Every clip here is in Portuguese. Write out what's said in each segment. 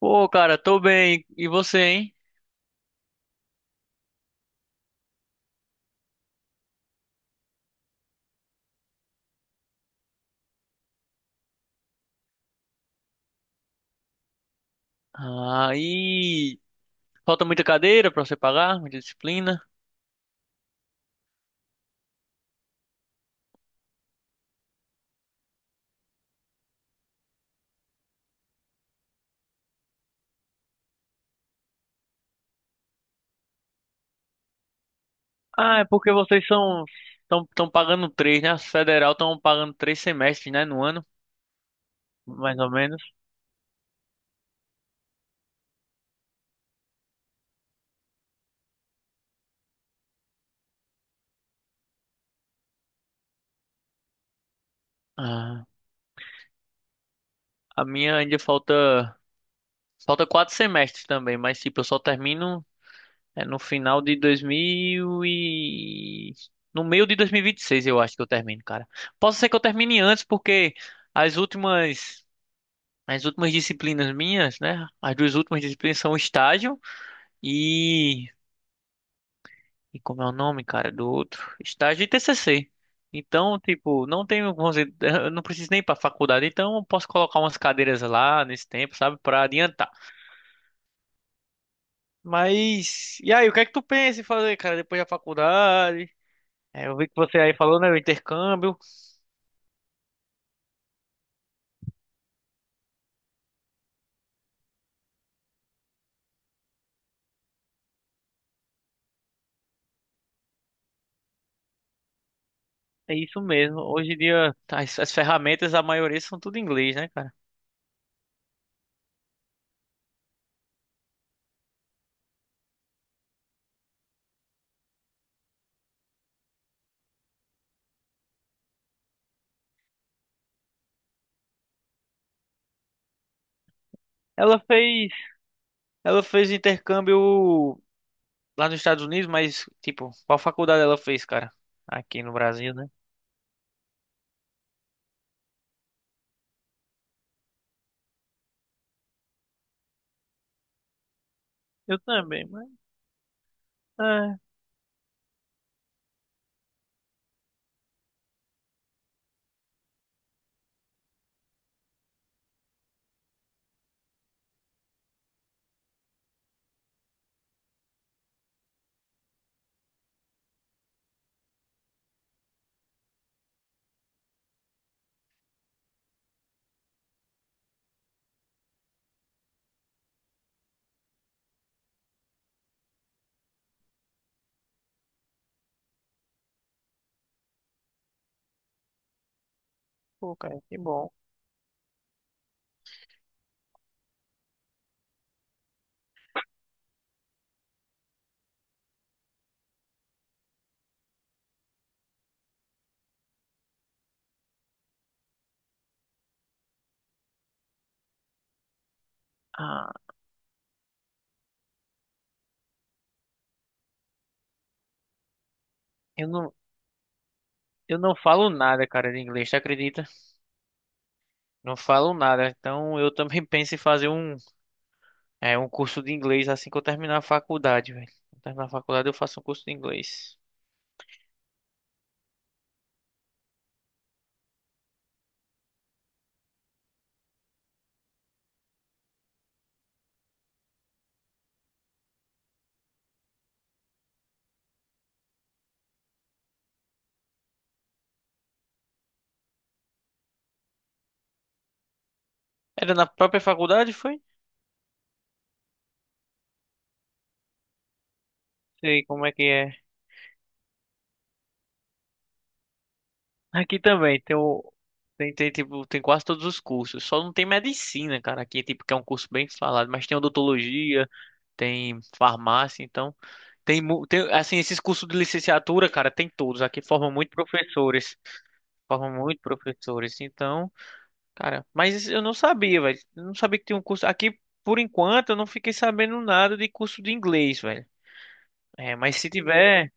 Pô, cara, tô bem. E você, hein? Aí falta muita cadeira pra você pagar, muita disciplina. Ah, é porque vocês são tão, tão pagando três, né? As federal estão pagando três semestres, né, no ano, mais ou menos. Ah, a minha ainda falta quatro semestres também, mas tipo, eu só termino no final de 2000 e no meio de 2026, eu acho que eu termino, cara. Posso ser que eu termine antes porque as últimas As últimas disciplinas minhas, né? As duas últimas disciplinas são estágio e. E como é o nome, cara, do outro? Estágio e TCC. Então, tipo, não tenho, vamos dizer, eu não preciso nem ir pra faculdade, então eu posso colocar umas cadeiras lá nesse tempo, sabe, pra adiantar. Mas, e aí, o que é que tu pensa em fazer, cara, depois da faculdade? É, eu vi que você aí falou, né, o intercâmbio. É isso mesmo. Hoje em dia, as ferramentas, a maioria são tudo em inglês, né, cara? Ela fez, ela fez intercâmbio lá nos Estados Unidos, mas, tipo, qual faculdade ela fez, cara? Aqui no Brasil, né? Eu também, mas. É, pô, cara, que bom. Ah, eu não, eu não falo nada, cara, de inglês, tu acredita? Não falo nada. Então, eu também penso em fazer um curso de inglês assim que eu terminar a faculdade, velho. Quando terminar a faculdade, eu faço um curso de inglês. Era na própria faculdade, foi? Sei como é que é. Aqui também tem o. Tipo, tem quase todos os cursos. Só não tem medicina, cara. Aqui, tipo, que é um curso bem falado. Mas tem odontologia, tem farmácia, então. Tem, tem, assim, esses cursos de licenciatura, cara, tem todos. Aqui formam muito professores. Formam muito professores. Então, cara, mas eu não sabia, velho. Eu não sabia que tinha um curso. Aqui, por enquanto, eu não fiquei sabendo nada de curso de inglês, velho. É, mas se tiver.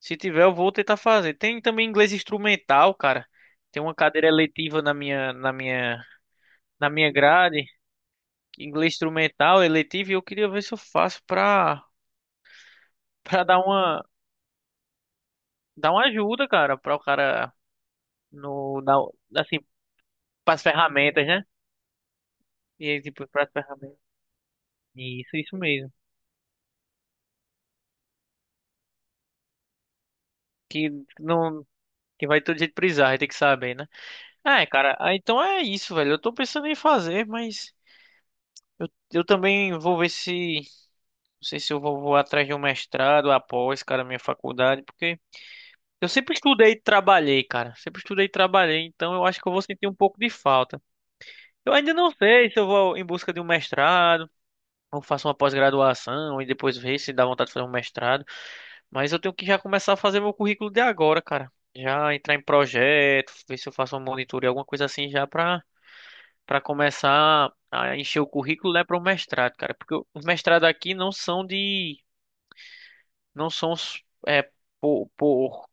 Se tiver, eu vou tentar fazer. Tem também inglês instrumental, cara. Tem uma cadeira eletiva na minha grade, inglês instrumental, eletivo, e eu queria ver se eu faço pra, pra dar uma ajuda, cara, pra o cara no, na, assim, pras ferramentas, né? E aí, tipo, pras ferramentas. Isso mesmo. Que não, que vai todo jeito precisar, vai ter que saber, né? Ah, é, cara, ah, então é isso, velho. Eu tô pensando em fazer, mas eu também vou ver se não sei se vou atrás de um mestrado após, cara, minha faculdade, porque eu sempre estudei e trabalhei, cara. Sempre estudei e trabalhei, então eu acho que eu vou sentir um pouco de falta. Eu ainda não sei se eu vou em busca de um mestrado, ou faço uma pós-graduação e depois ver se dá vontade de fazer um mestrado, mas eu tenho que já começar a fazer meu currículo de agora, cara. Já entrar em projeto, ver se eu faço uma monitoria, alguma coisa assim já pra começar a encher o currículo, né, para o mestrado, cara. Porque os mestrados aqui não são por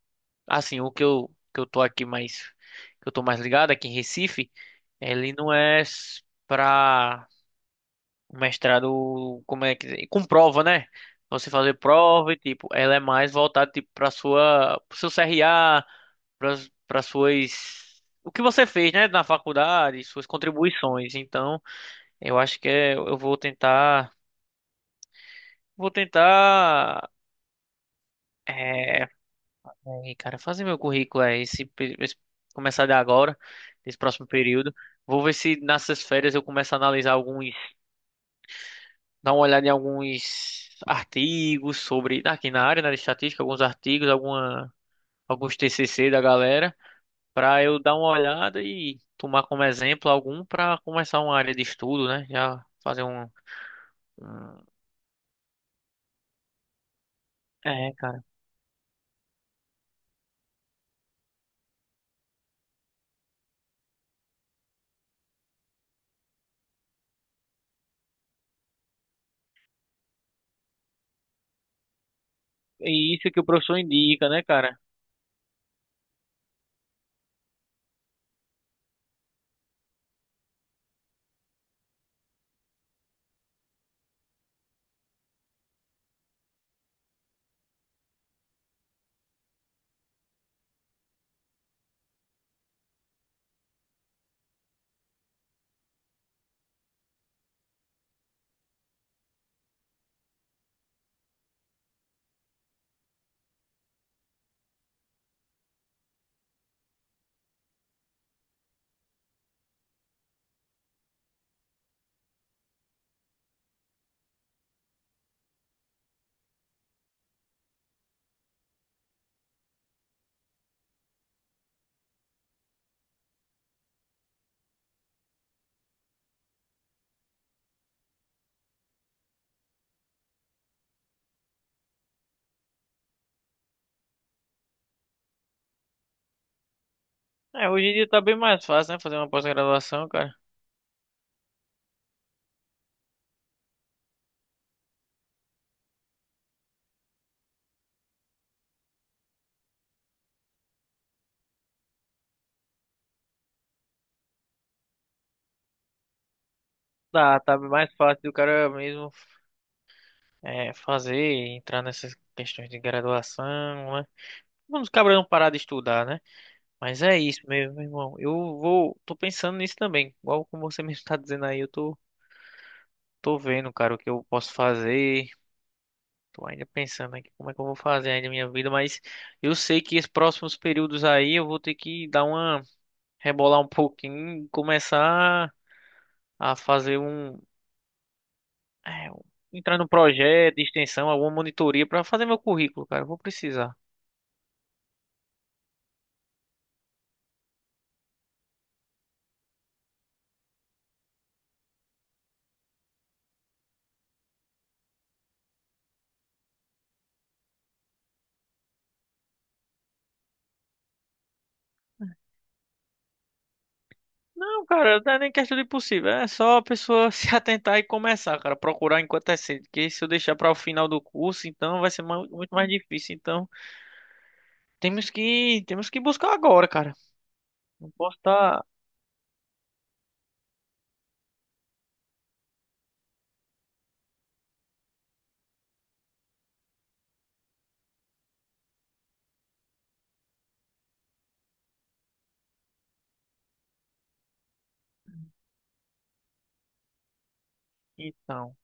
assim, o que eu tô aqui mais que eu tô mais ligado aqui em Recife, ele não é para mestrado, como é que com prova, né? Você fazer prova e tipo, ela é mais voltada tipo para sua pro seu CRA, para para suas O que você fez, né, na faculdade, suas contribuições. Então, eu acho que eu vou tentar é, aí, cara, fazer meu currículo aí começar de agora, esse próximo período. Vou ver se nessas férias eu começo a analisar alguns, dar uma olhada em alguns artigos sobre aqui na área, né, de estatística, alguns artigos, alguma, alguns TCC da galera, para eu dar uma olhada e tomar como exemplo algum para começar uma área de estudo, né? Já fazer um, um- é, cara. E isso que o professor indica, né, cara? É, hoje em dia tá bem mais fácil, né, fazer uma pós-graduação, cara. Dá, tá mais fácil do cara mesmo fazer, entrar nessas questões de graduação, né? Vamos cabra não parar de estudar, né? Mas é isso mesmo, meu irmão. Eu vou, tô pensando nisso também. Igual como você mesmo tá dizendo aí, tô vendo, cara, o que eu posso fazer. Tô ainda pensando aqui como é que eu vou fazer ainda a minha vida, mas eu sei que esses próximos períodos aí eu vou ter que dar uma rebolar um pouquinho, começar a fazer é, entrar num projeto de extensão, alguma monitoria para fazer meu currículo, cara. Eu vou precisar. Não, cara, não é nem questão de possível. É só a pessoa se atentar e começar, cara. Procurar enquanto é cedo. Porque se eu deixar para o final do curso, então vai ser muito mais difícil. Então, temos que buscar agora, cara. Não posso estar. Então,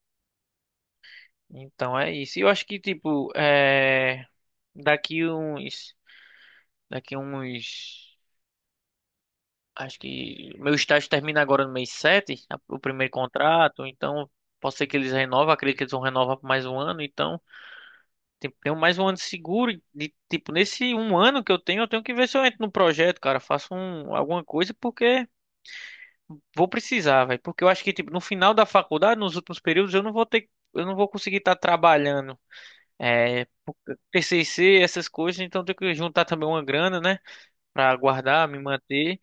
então é isso. E eu acho que, tipo, é... daqui uns. Daqui uns. Acho que meu estágio termina agora no mês 7, o primeiro contrato, então pode ser que eles renovem, acredito que eles vão renovar por mais um ano, então tenho mais um ano seguro, de, tipo, nesse um ano que eu tenho que ver se eu entro no projeto, cara, faço um, alguma coisa, porque vou precisar, velho, porque eu acho que, tipo, no final da faculdade, nos últimos períodos, eu não vou conseguir estar trabalhando, é, TCC, essas coisas, então eu tenho que juntar também uma grana, né, pra guardar, me manter,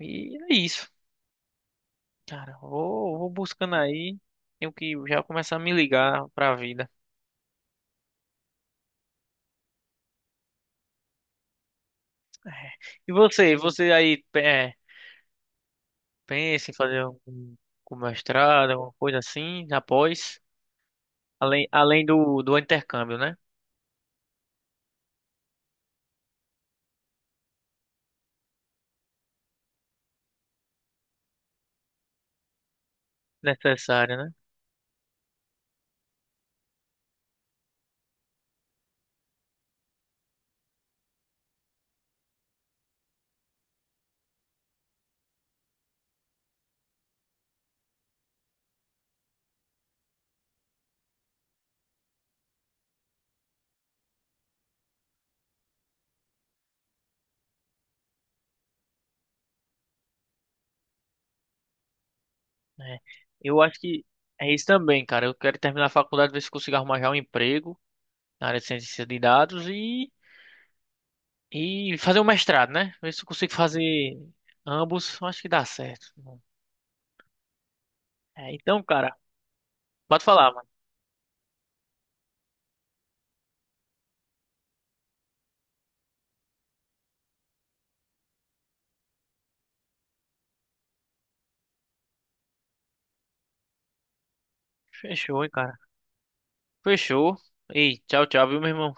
e é isso. Cara, vou buscando aí. Tenho que já começar a me ligar pra vida. E você, pensa em fazer algum, algum mestrado, alguma coisa assim, após, além do, do intercâmbio, né? Necessário, né? É. Eu acho que é isso também, cara. Eu quero terminar a faculdade, ver se consigo arrumar já um emprego na área de ciência de dados e fazer um mestrado, né? Ver se eu consigo fazer ambos. Eu acho que dá certo. É, então, cara, pode falar, mano. Fechou, hein, cara. Fechou. Ei, tchau, tchau, viu, meu irmão?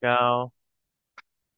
Tchau.